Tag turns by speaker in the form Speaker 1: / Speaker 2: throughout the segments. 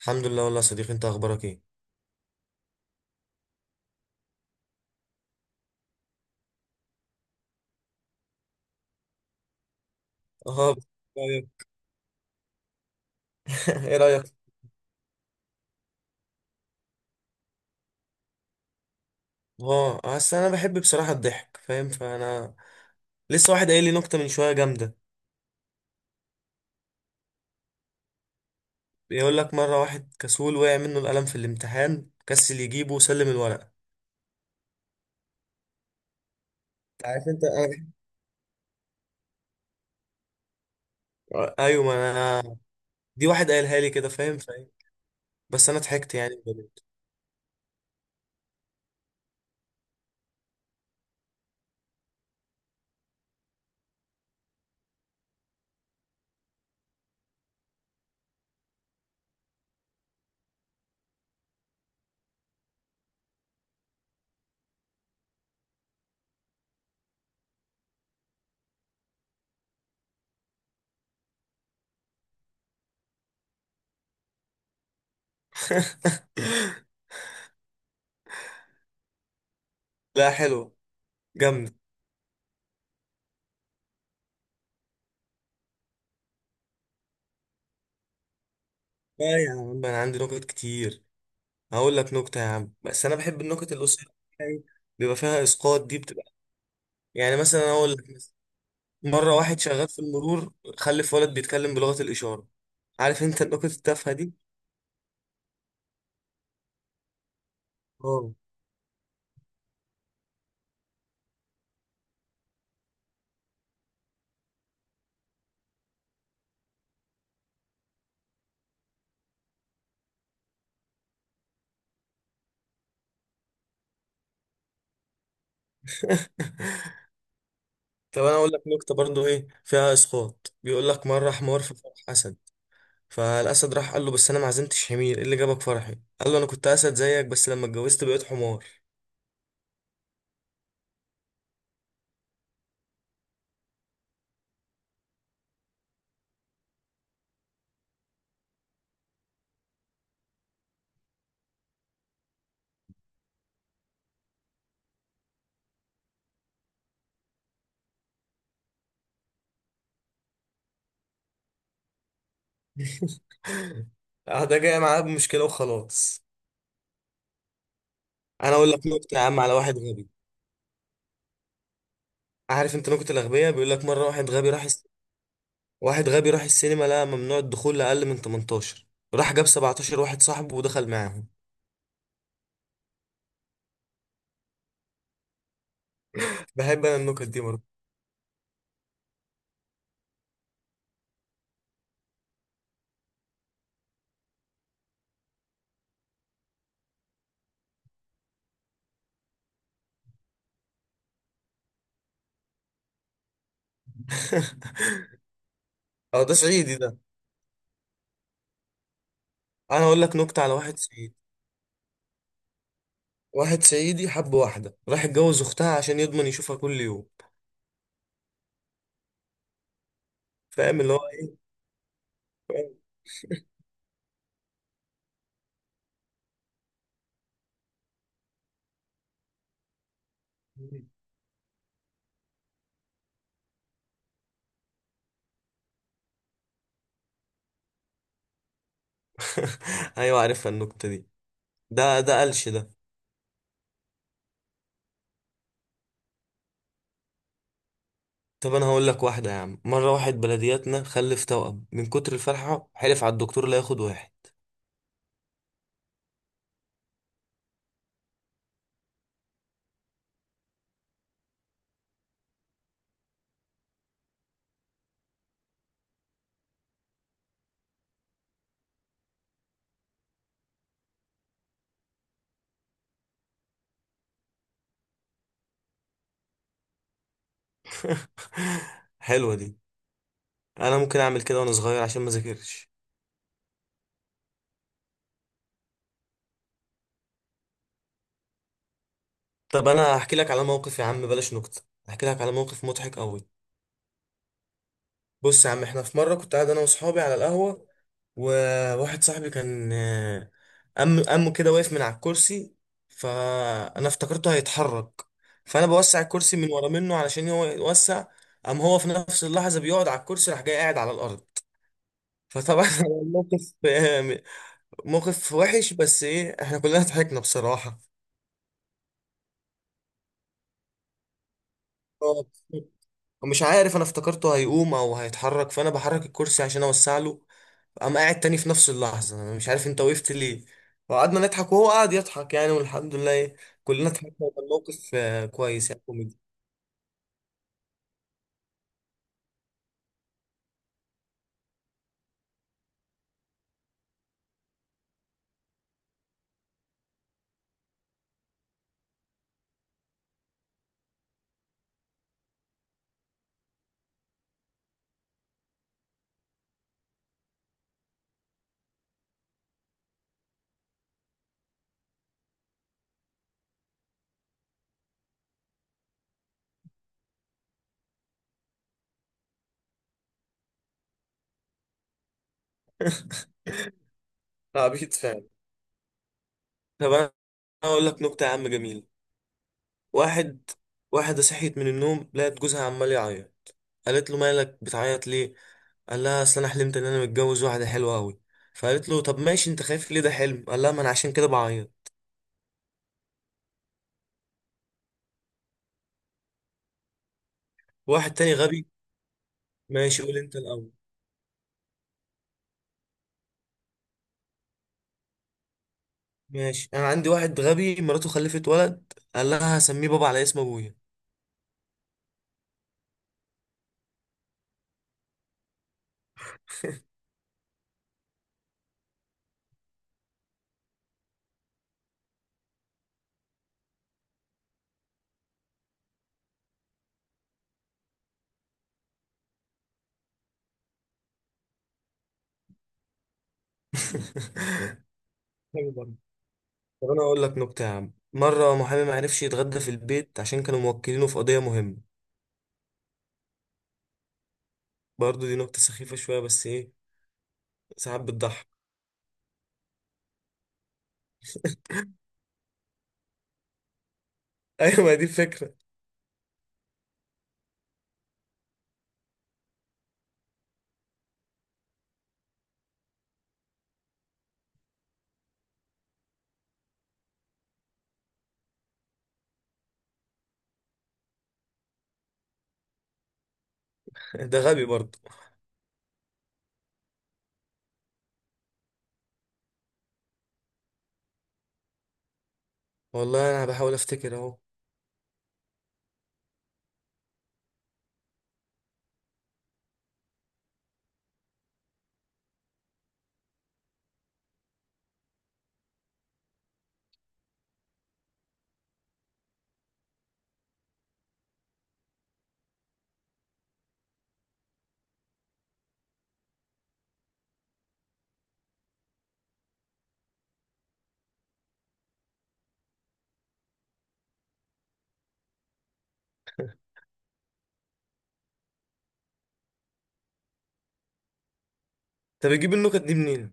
Speaker 1: الحمد لله والله يا صديقي، انت اخبارك ايه؟ اه بس. طيب. ايه رايك؟ اه اصل انا بحب بصراحه الضحك، فاهم، فانا لسه واحد قايل لي نكته من شويه جامده. بيقول لك مره واحد كسول وقع منه القلم في الامتحان، كسل يجيبه وسلم الورقه. انت عارف انا بحب- اه، ايوه، ما انا دي واحد قايلها لي كده، فاهم. بس انا ضحكت يعني بجد. لا، حلو. جامد. لا يا عم، انا عندي نكت كتير. هقول لك نكته يا عم، بس انا بحب النكت القصيره، بيبقى فيها اسقاط، دي بتبقى يعني مثلا. اقول لك مثلا: مره واحد شغال في المرور، خلف ولد بيتكلم بلغه الاشاره. عارف انت النكت التافهه دي. اه. طب انا اقول لك نكته برضو ايه فيها اسقاط. بيقول لك: مره حمار في فرح اسد، فالاسد راح قال له: بس انا ما عزمتش حمير، ايه اللي جابك فرحي؟ قال له: انا كنت اسد زيك، بس لما اتجوزت بقيت حمار. اه، ده جاي معاه بمشكله وخلاص. انا اقول لك نكته يا عم على واحد غبي. عارف انت نكته الاغبياء؟ بيقول لك مره واحد غبي راح، واحد غبي راح السينما، لقى ممنوع الدخول لأقل من 18، راح جاب 17 واحد صاحبه ودخل معاهم. بحب انا النكت دي برضه. اه، ده صعيدي ده. انا اقول لك نكتة على واحد صعيدي. واحد صعيدي حب واحدة، راح اتجوز اختها عشان يضمن يشوفها كل يوم. فاهم اللي هو ايه. ايوه، عارفها النكتة دي، ده قلش ده. طب انا هقول لك واحدة يا عم. مرة واحد بلدياتنا خلف توأم، من كتر الفرحة حلف على الدكتور لا ياخد واحد. حلوة دي. انا ممكن اعمل كده وانا صغير عشان ما ذاكرش. طب انا هحكي لك على موقف يا عم، بلاش نكت، هحكي لك على موقف مضحك قوي. بص يا عم، احنا في مره كنت قاعد انا واصحابي على القهوه، وواحد صاحبي كان أمه كده واقف من على الكرسي، فانا افتكرته هيتحرك، فانا بوسع الكرسي من ورا منه علشان هو يوسع، قام هو في نفس اللحظه بيقعد على الكرسي، راح جاي قاعد على الارض. فطبعا الموقف موقف وحش، بس ايه، احنا كلنا ضحكنا بصراحه. ومش عارف، انا افتكرته هيقوم او هيتحرك، فانا بحرك الكرسي عشان اوسع له، قام قاعد تاني في نفس اللحظه. انا مش عارف انت وقفت ليه. وقعدنا نضحك وهو قعد يضحك يعني، والحمد لله كلنا ضحكنا، وكان موقف كويس يعني، كوميدي. عبيط فعلا. طب انا اقول لك نكته يا عم جميل. واحد، واحده صحيت من النوم لقت جوزها عمال يعيط، قالت له: مالك بتعيط ليه؟ قال لها: اصل انا حلمت ان انا متجوز واحده حلوه قوي. فقالت له: طب ماشي، انت خايف ليه؟ ده حلم. قال لها: ما انا عشان كده بعيط. واحد تاني غبي ماشي. قول انت الاول. ماشي، انا عندي واحد غبي مراته خلفت ولد، قال لها: هسميه بابا على اسم ابويا. غبي برضه. طب انا اقول لك نكته يا عم. مره محامي ما عرفش يتغدى في البيت عشان كانوا موكلينه في قضيه مهمه. برضه دي نكته سخيفه شويه، بس ايه، ساعات بتضحك. ايوه، ما دي الفكره. ده غبي برضه. والله انا بحاول افتكر اهو. طب بتجيب النكت دي منين؟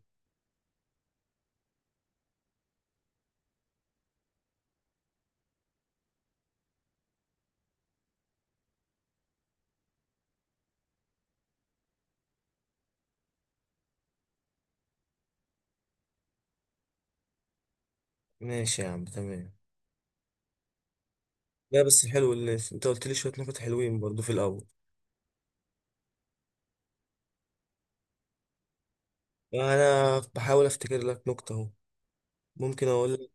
Speaker 1: ماشي يا عم تمام. لا بس حلو اللي انت قلت لي، شويه نكت حلوين برضه في الاول. انا بحاول افتكر لك نكته اهو. ممكن اقول لك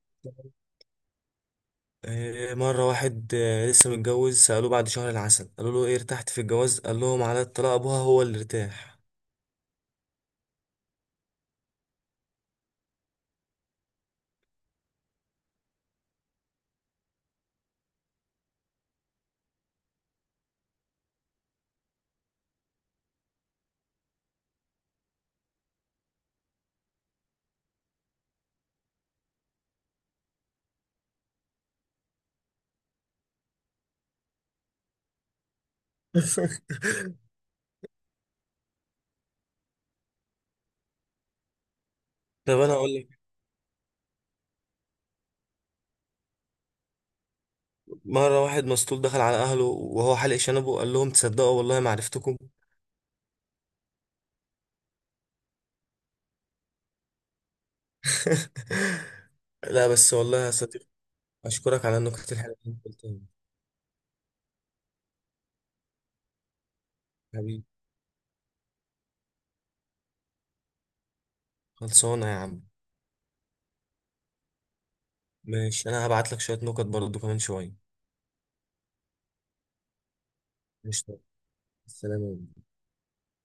Speaker 1: مرة واحد لسه متجوز، سألوه بعد شهر العسل، قالوا له: ايه، ارتحت في الجواز؟ قال لهم: على الطلاق، ابوها هو اللي ارتاح. طب انا اقول لك: مرة واحد مسطول دخل على اهله وهو حلق شنبه، قال لهم: تصدقوا والله ما عرفتكم. لا بس والله يا صديقي، اشكرك على النكت الحلوة اللي انت قلتها. حبيبي. خلصانة يا عم. ماشي، انا هبعت لك شوية نكت برضه كمان شوية. مش السلام عليكم.